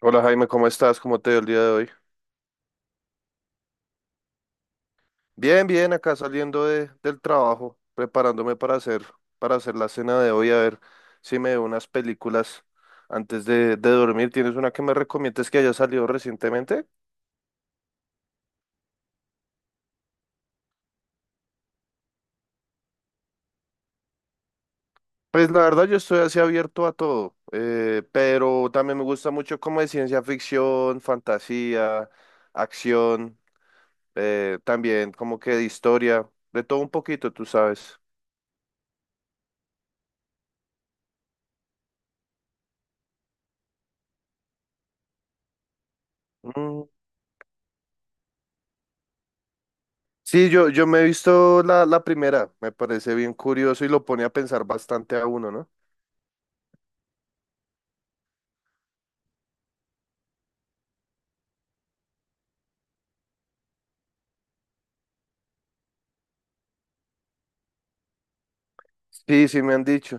Hola Jaime, ¿cómo estás? ¿Cómo te veo el día de hoy? Bien, bien, acá saliendo del trabajo, preparándome para hacer la cena de hoy, a ver si me veo unas películas antes de dormir. ¿Tienes una que me recomiendes que haya salido recientemente? Pues la verdad yo estoy así abierto a todo, pero también me gusta mucho como de ciencia ficción, fantasía, acción, también como que de historia, de todo un poquito, tú sabes. Mm, sí, yo me he visto la primera, me parece bien curioso y lo pone a pensar bastante a uno, ¿no? Sí, sí me han dicho.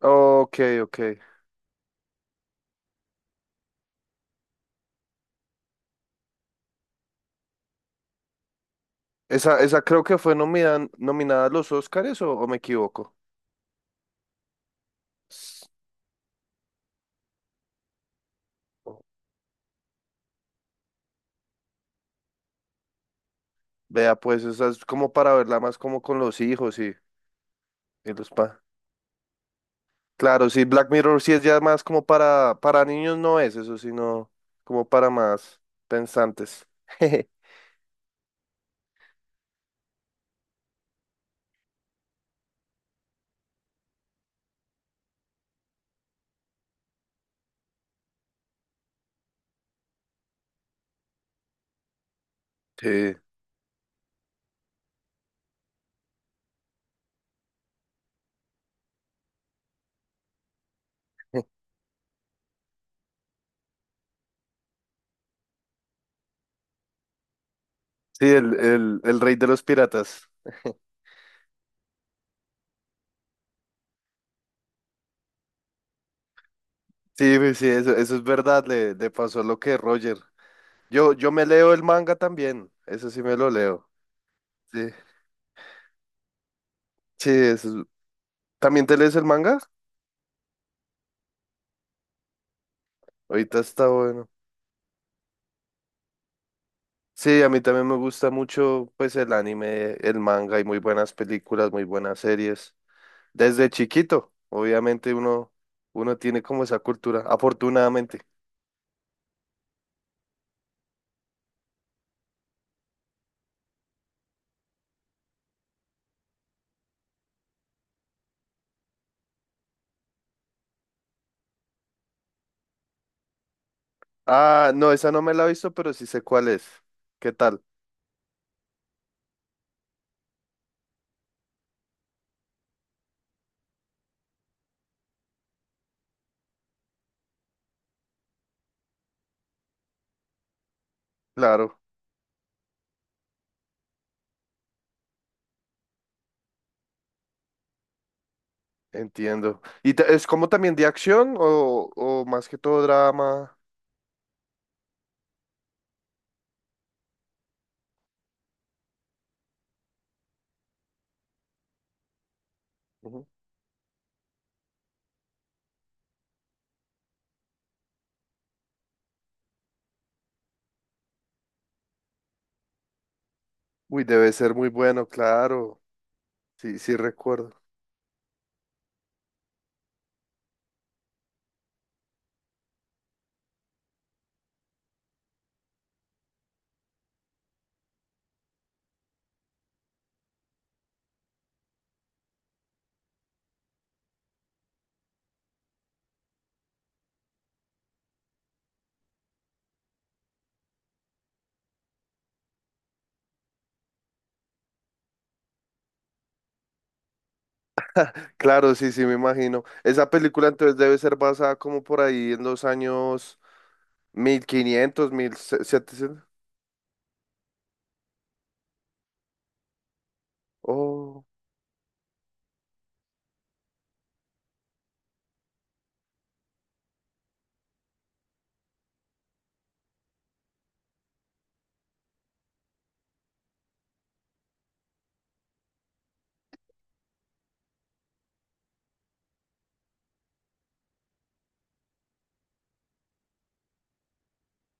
Ok, ok. Esa creo que fue nominada a los Oscars o me equivoco. S- Vea, pues esa es como para verla más como con los hijos y los pa. Claro, sí, Black Mirror sí es ya más como para niños no es eso, sino como para más pensantes. Sí, sí, el rey de los piratas. Sí, pues sí, eso es verdad, le pasó lo que Roger. Yo me leo el manga también, eso sí me lo leo. Sí, sí, eso es- ¿También te lees el manga? Ahorita está bueno. Sí, a mí también me gusta mucho pues el anime, el manga, hay muy buenas películas, muy buenas series. Desde chiquito, obviamente uno, uno tiene como esa cultura, afortunadamente. Ah, no, esa no me la he visto, pero sí sé cuál es. ¿Qué tal? Claro. Entiendo. ¿Y ta- es como también de acción o más que todo drama? Ujú. Uy, debe ser muy bueno, claro. Sí, sí recuerdo. Claro, sí, sí, me imagino. Esa película entonces debe ser basada como por ahí en los años 1500 1700. Oh,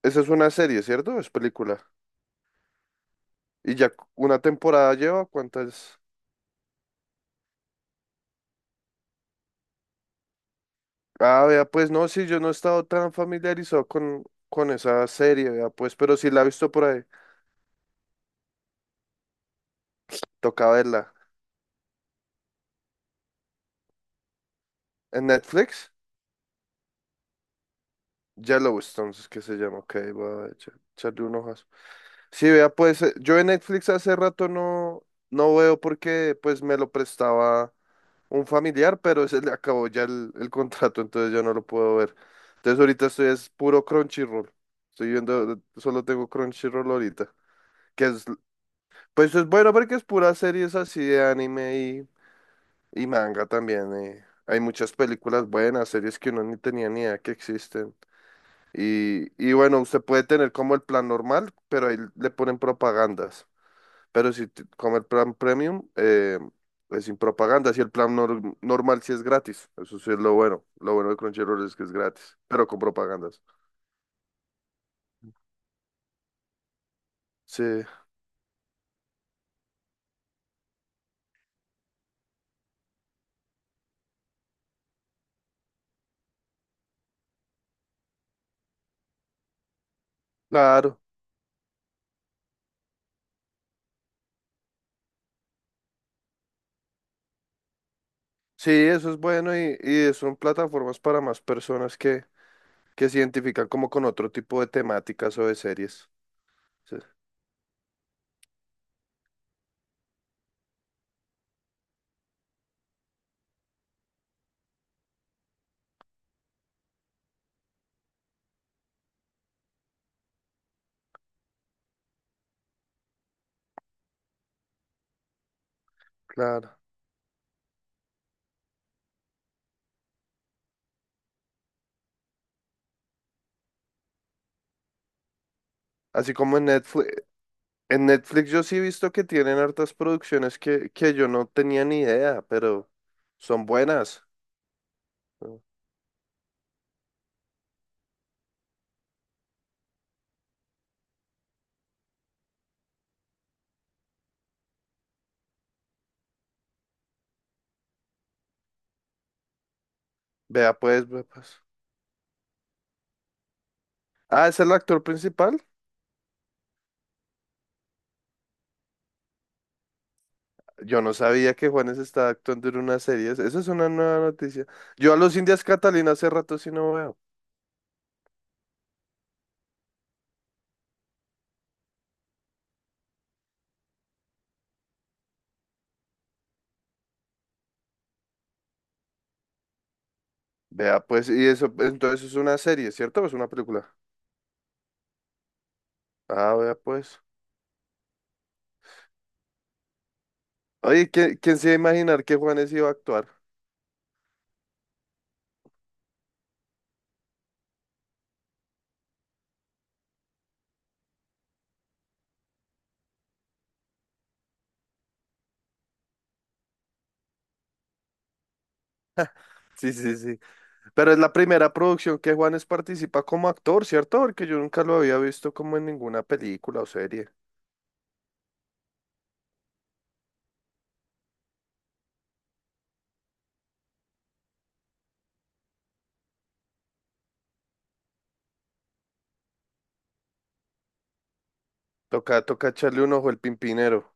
esa es una serie, ¿cierto? Es película. ¿Y ya cu- una temporada lleva? ¿Cuántas? Ah, vea, pues no, sí, yo no he estado tan familiarizado con esa serie, vea, pues, pero sí la he visto por ahí. Toca verla. ¿En Netflix? Yellowstone, es que se llama. Ok, voy a echarle un ojazo. Sí, vea, pues yo en Netflix hace rato no, no veo porque pues me lo prestaba un familiar, pero se le acabó ya el contrato, entonces yo no lo puedo ver. Entonces ahorita estoy es puro Crunchyroll. Estoy viendo, solo tengo Crunchyroll ahorita. Que es, pues es bueno porque es puras series así de anime y manga también. Hay muchas películas buenas, series que uno ni tenía ni idea que existen. Y bueno, usted puede tener como el plan normal, pero ahí le ponen propagandas. Pero si t- como el plan premium, es sin propagandas. Y el plan normal sí es gratis. Eso sí es lo bueno. Lo bueno de Crunchyroll es que es gratis, pero con propagandas. Sí, claro. Sí, eso es bueno y son plataformas para más personas que se identifican como con otro tipo de temáticas o de series. Sí, claro. Así como en Netflix, en Netflix yo sí he visto que tienen hartas producciones que yo no tenía ni idea, pero son buenas. ¿No? Vea pues, vea pues. Ah, ¿es el actor principal? Yo no sabía que Juanes estaba actuando en una serie. Esa es una nueva noticia. Yo a los Indias Catalina hace rato sí no veo. Vea pues, y eso, entonces es una serie, ¿cierto? ¿O es una película? Ah, vea pues. Oye, ¿quién, quién se iba a imaginar que Juanes iba a actuar? Sí, sí, sí. Pero es la primera producción que Juanes participa como actor, ¿cierto? Porque yo nunca lo había visto como en ninguna película o serie. Toca, toca echarle un ojo el Pimpinero.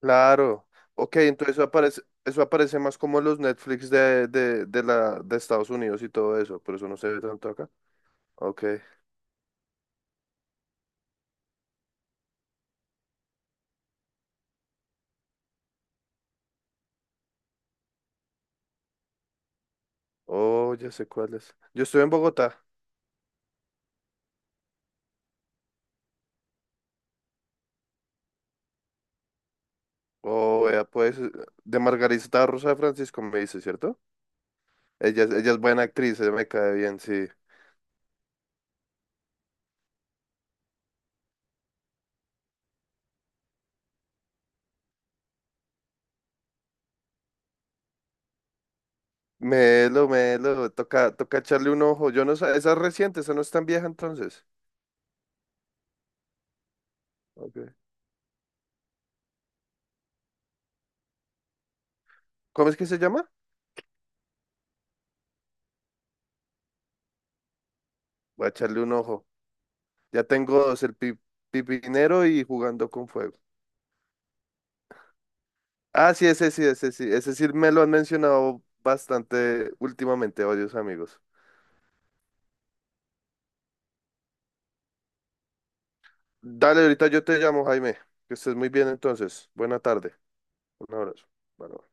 Claro. Ok, entonces eso aparece más como los Netflix de Estados Unidos y todo eso, pero eso no se ve tanto acá. Ok. Oh, ya sé cuál es. Yo estoy en Bogotá. Oh, vea, pues, de Margarita Rosa de Francisco me dice, ¿cierto? Ella es buena actriz, ella me cae bien, sí. Melo, melo, toca, toca echarle un ojo. Yo no sé, esa es reciente, esa no es tan vieja entonces. Ok. ¿Cómo es que se llama? Voy a echarle un ojo. Ya tengo dos, el pi- pipinero y jugando con fuego. Ah, sí, ese sí, ese sí. Ese sí me lo han mencionado bastante últimamente varios amigos. Dale, ahorita yo te llamo, Jaime. Que estés muy bien entonces. Buena tarde. Un abrazo. Bueno.